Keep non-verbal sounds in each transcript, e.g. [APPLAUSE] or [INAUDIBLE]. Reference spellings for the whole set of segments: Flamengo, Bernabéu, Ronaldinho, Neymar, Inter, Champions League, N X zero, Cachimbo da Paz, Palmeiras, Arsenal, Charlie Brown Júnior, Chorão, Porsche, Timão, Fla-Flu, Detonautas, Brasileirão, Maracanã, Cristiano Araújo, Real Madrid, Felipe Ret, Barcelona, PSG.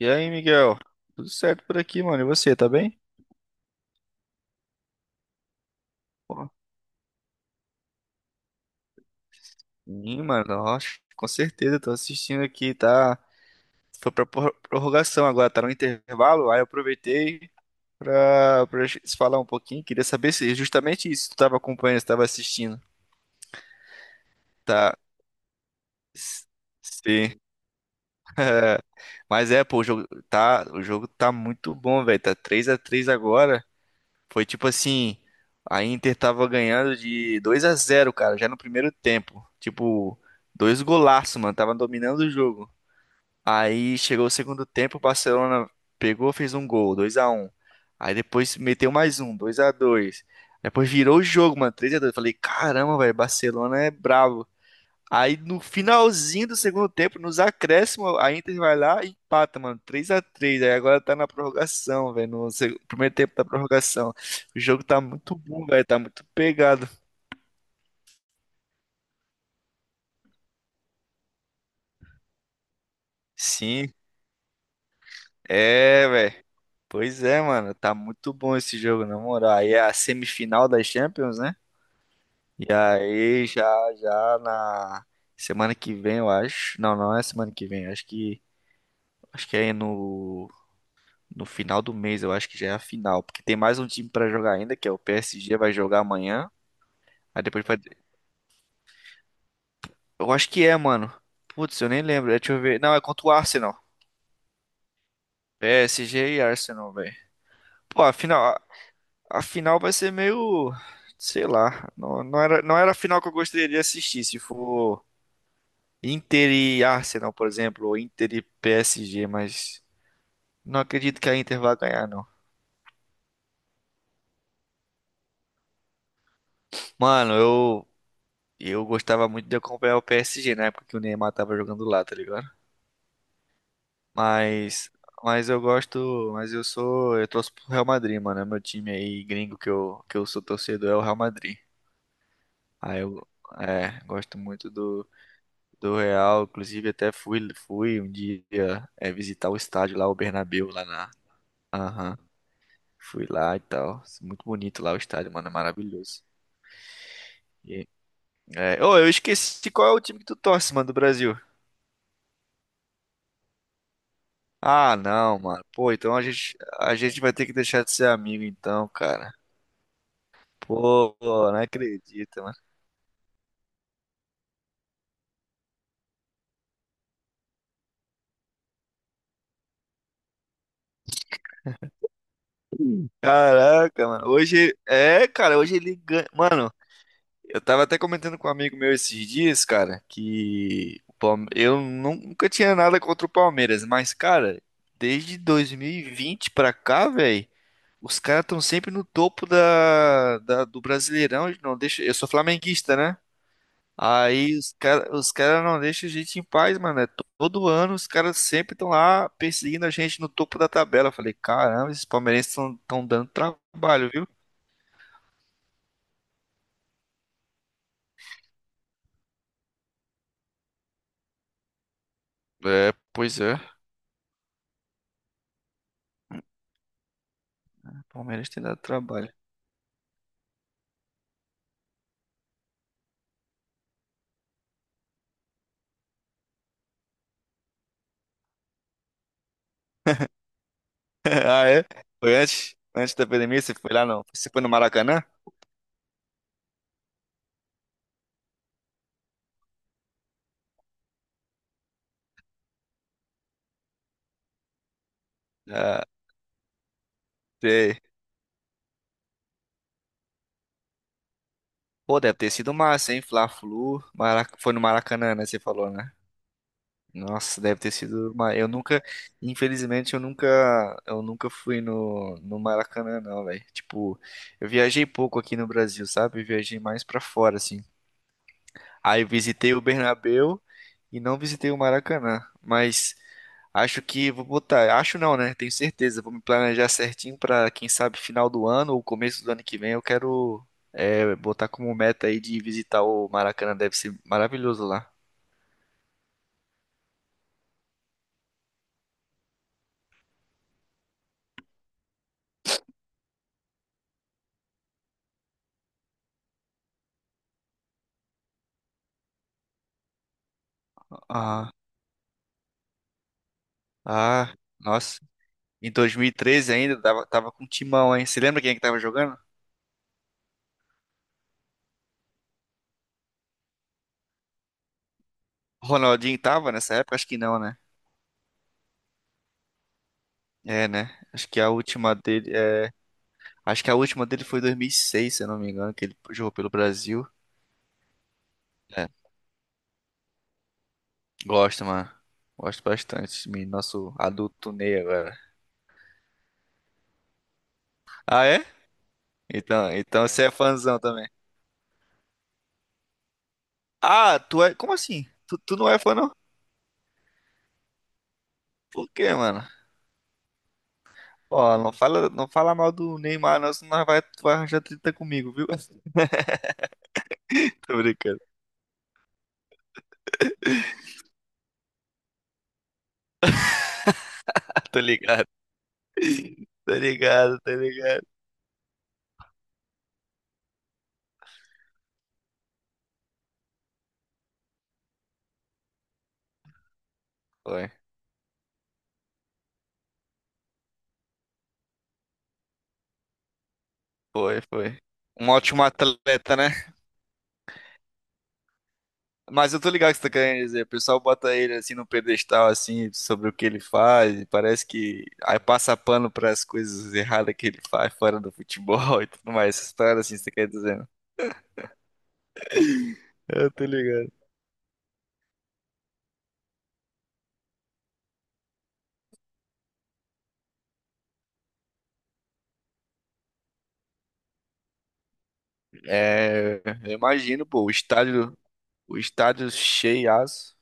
E aí, Miguel? Tudo certo por aqui, mano? E você, tá bem? Pô, sim, mano, ó, com certeza, tô assistindo aqui, tá? Foi prorrogação agora, tá no intervalo, aí eu aproveitei pra gente se falar um pouquinho. Queria saber se justamente isso tu tava acompanhando, se tava assistindo. Tá. S- Sim. É. Mas é, pô, o jogo tá muito bom, velho. Tá três a três agora. Foi tipo assim, a Inter tava ganhando de 2 a zero, cara, já no primeiro tempo. Tipo, dois golaços, mano, tava dominando o jogo. Aí chegou o segundo tempo, o Barcelona pegou, fez um gol, 2 a um. Aí depois meteu mais um, 2 a 2. Depois virou o jogo, mano, 3 a 2. Falei, caramba, velho, Barcelona é brabo. Aí no finalzinho do segundo tempo, nos acréscimos, a Inter vai lá e empata, mano. 3x3. Aí agora tá na prorrogação, velho. No primeiro tempo da prorrogação. O jogo tá muito bom, velho. Tá muito pegado. Sim, é, velho. Pois é, mano. Tá muito bom esse jogo, na moral. Aí é a semifinal das Champions, né? E aí já, já na semana que vem, eu acho. Não, não é semana que vem. Acho que é no final do mês, eu acho que já é a final, porque tem mais um time pra jogar ainda, que é o PSG, vai jogar amanhã. Aí depois vai. Eu acho que é, mano. Putz, eu nem lembro. Deixa eu ver. Não, é contra o Arsenal. PSG e Arsenal, velho. Pô, a a final vai ser meio. Sei lá. Não, não era a final que eu gostaria de assistir. Se for Inter e Arsenal, por exemplo, ou Inter e PSG, mas não acredito que a Inter vá ganhar, não. Mano, eu, eu gostava muito de acompanhar o PSG na época que o Neymar tava jogando lá, tá ligado? Mas, mas eu gosto, eu torço pro Real Madrid, mano. É meu time aí gringo que eu sou torcedor é o Real Madrid. Aí eu, é, do Real. Inclusive até fui um dia é, visitar o estádio lá, o Bernabéu lá na, aham, fui lá e tal. Muito bonito lá o estádio, mano, é maravilhoso. E, é, ô, eu esqueci qual é o time que tu torce, mano, do Brasil. Ah, não, mano. Pô, então a gente vai ter que deixar de ser amigo, então, cara. Pô, não acredito, mano. Caraca, mano. Hoje, é, cara, hoje ele ganha. Mano, eu tava até comentando com um amigo meu esses dias, cara, que o nunca tinha nada contra o Palmeiras, mas, cara, desde 2020 pra cá, velho, os caras tão sempre no topo do Brasileirão. Não deixa. Eu sou flamenguista, né? Aí os cara não deixam a gente em paz, mano. É todo ano os caras sempre estão lá perseguindo a gente no topo da tabela. Eu falei, caramba, esses palmeirenses estão dando trabalho, viu? É, pois é. Palmeiras tem dado trabalho. [LAUGHS] Ah, é? Antes da pandemia? Você foi lá, não? Você foi no Maracanã? Ah, sei. Pô, deve ter sido massa, hein? Fla-Flu. Foi no Maracanã, né? Você falou, né? Nossa, deve ter sido uma. Eu nunca, infelizmente, eu nunca fui no Maracanã, não, velho. Tipo, eu viajei pouco aqui no Brasil, sabe? Eu viajei mais pra fora, assim. Aí eu visitei o Bernabéu e não visitei o Maracanã, mas acho que vou botar, acho não, né? Tenho certeza, vou me planejar certinho pra, quem sabe final do ano ou começo do ano que vem, eu quero é, botar como meta aí de visitar o Maracanã, deve ser maravilhoso lá. Ah, ah, nossa. Em 2013 ainda, tava com o Timão, hein? Você lembra quem é que tava jogando? Ronaldinho tava nessa época? Acho que não, né? É, né? Acho que a última dele, é, acho que a última dele foi em 2006, se eu não me engano, que ele jogou pelo Brasil. É, gosto, mano. Gosto bastante desse menino. Nosso adulto Ney agora. Ah, é? Então, então você é fãzão também. Ah, tu é. Como assim? Tu não é fã, não? Por quê, mano? Ó, não fala mal do Neymar, não, senão vai, tu vai arranjar treta comigo, viu? [LAUGHS] Tô brincando. Tô ligado. Tá ligado, tá ligado. Foi, foi. Um ótimo atleta, né? Mas eu tô ligado o que você tá querendo dizer. O pessoal bota ele assim no pedestal, assim, sobre o que ele faz, e parece que aí passa pano pras coisas erradas que ele faz fora do futebol [LAUGHS] e tudo mais. Essa história assim, você quer dizer? Né? Eu tô ligado. É, eu imagino, pô, o estádio cheiaço.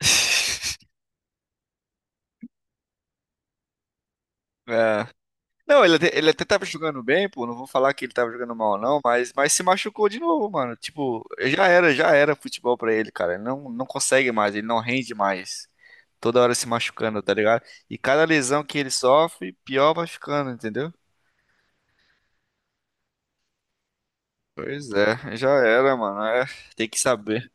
[LAUGHS] É. Não, ele até tava jogando bem, pô. Não vou falar que ele tava jogando mal, não, mas se machucou de novo, mano. Tipo, já era futebol pra ele, cara. Ele não, não consegue mais, ele não rende mais. Toda hora se machucando, tá ligado? E cada lesão que ele sofre, pior vai ficando, entendeu? Pois é, já era, mano. É, tem que saber.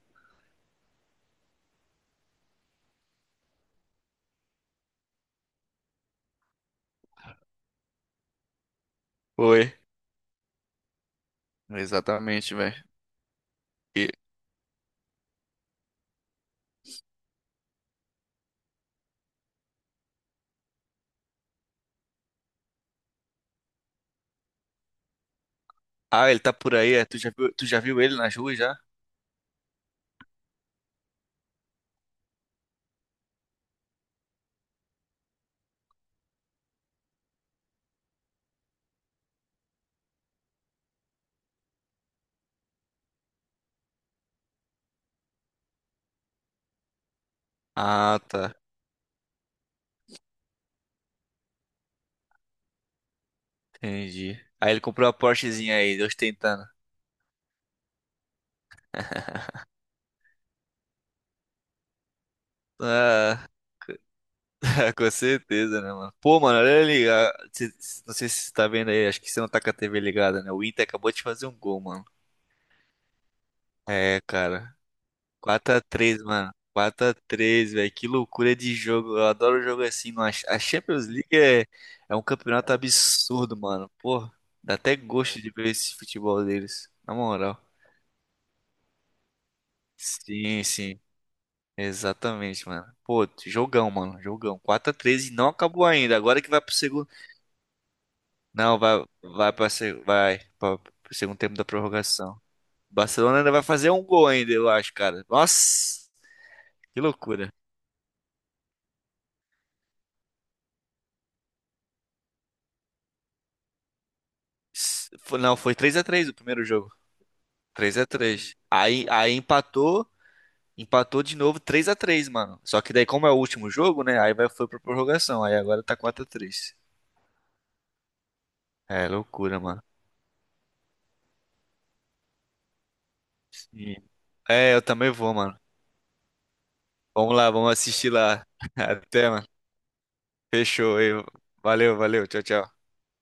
Foi. Exatamente, velho. E- Ah, ele tá por aí, é? Tu já viu ele nas ruas já? Ah, tá. Entendi. Aí ele comprou a Porschezinha aí, ostentando. Ah. [LAUGHS] Com certeza, né, mano? Pô, mano, olha ali. Não sei se você tá vendo aí, acho que você não tá com a TV ligada, né? O Inter acabou de fazer um gol, mano. É, cara. 4 a 3, mano. 4 a 3, velho. Que loucura de jogo. Eu adoro jogo assim, mano. A Champions League é, é um campeonato absurdo, mano. Pô, dá até gosto de ver esse futebol deles. Na moral. Sim, sim. Exatamente, mano. Pô, jogão, mano. Jogão. 4 a 3 e não acabou ainda. Agora que vai pro segundo. Não, vai, vai para vai para o segundo tempo da prorrogação. O Barcelona ainda vai fazer um gol ainda, eu acho, cara. Nossa, que loucura. Não, foi três a três o primeiro jogo. Três a três. Aí empatou, empatou de novo três a três, mano. Só que daí, como é o último jogo, né? Aí vai, foi pra prorrogação. Aí agora tá quatro a três. É, loucura, mano. Sim. É, eu também vou, mano. Vamos lá, vamos assistir lá. [LAUGHS] Até, mano. Fechou. Valeu, valeu. Tchau, tchau.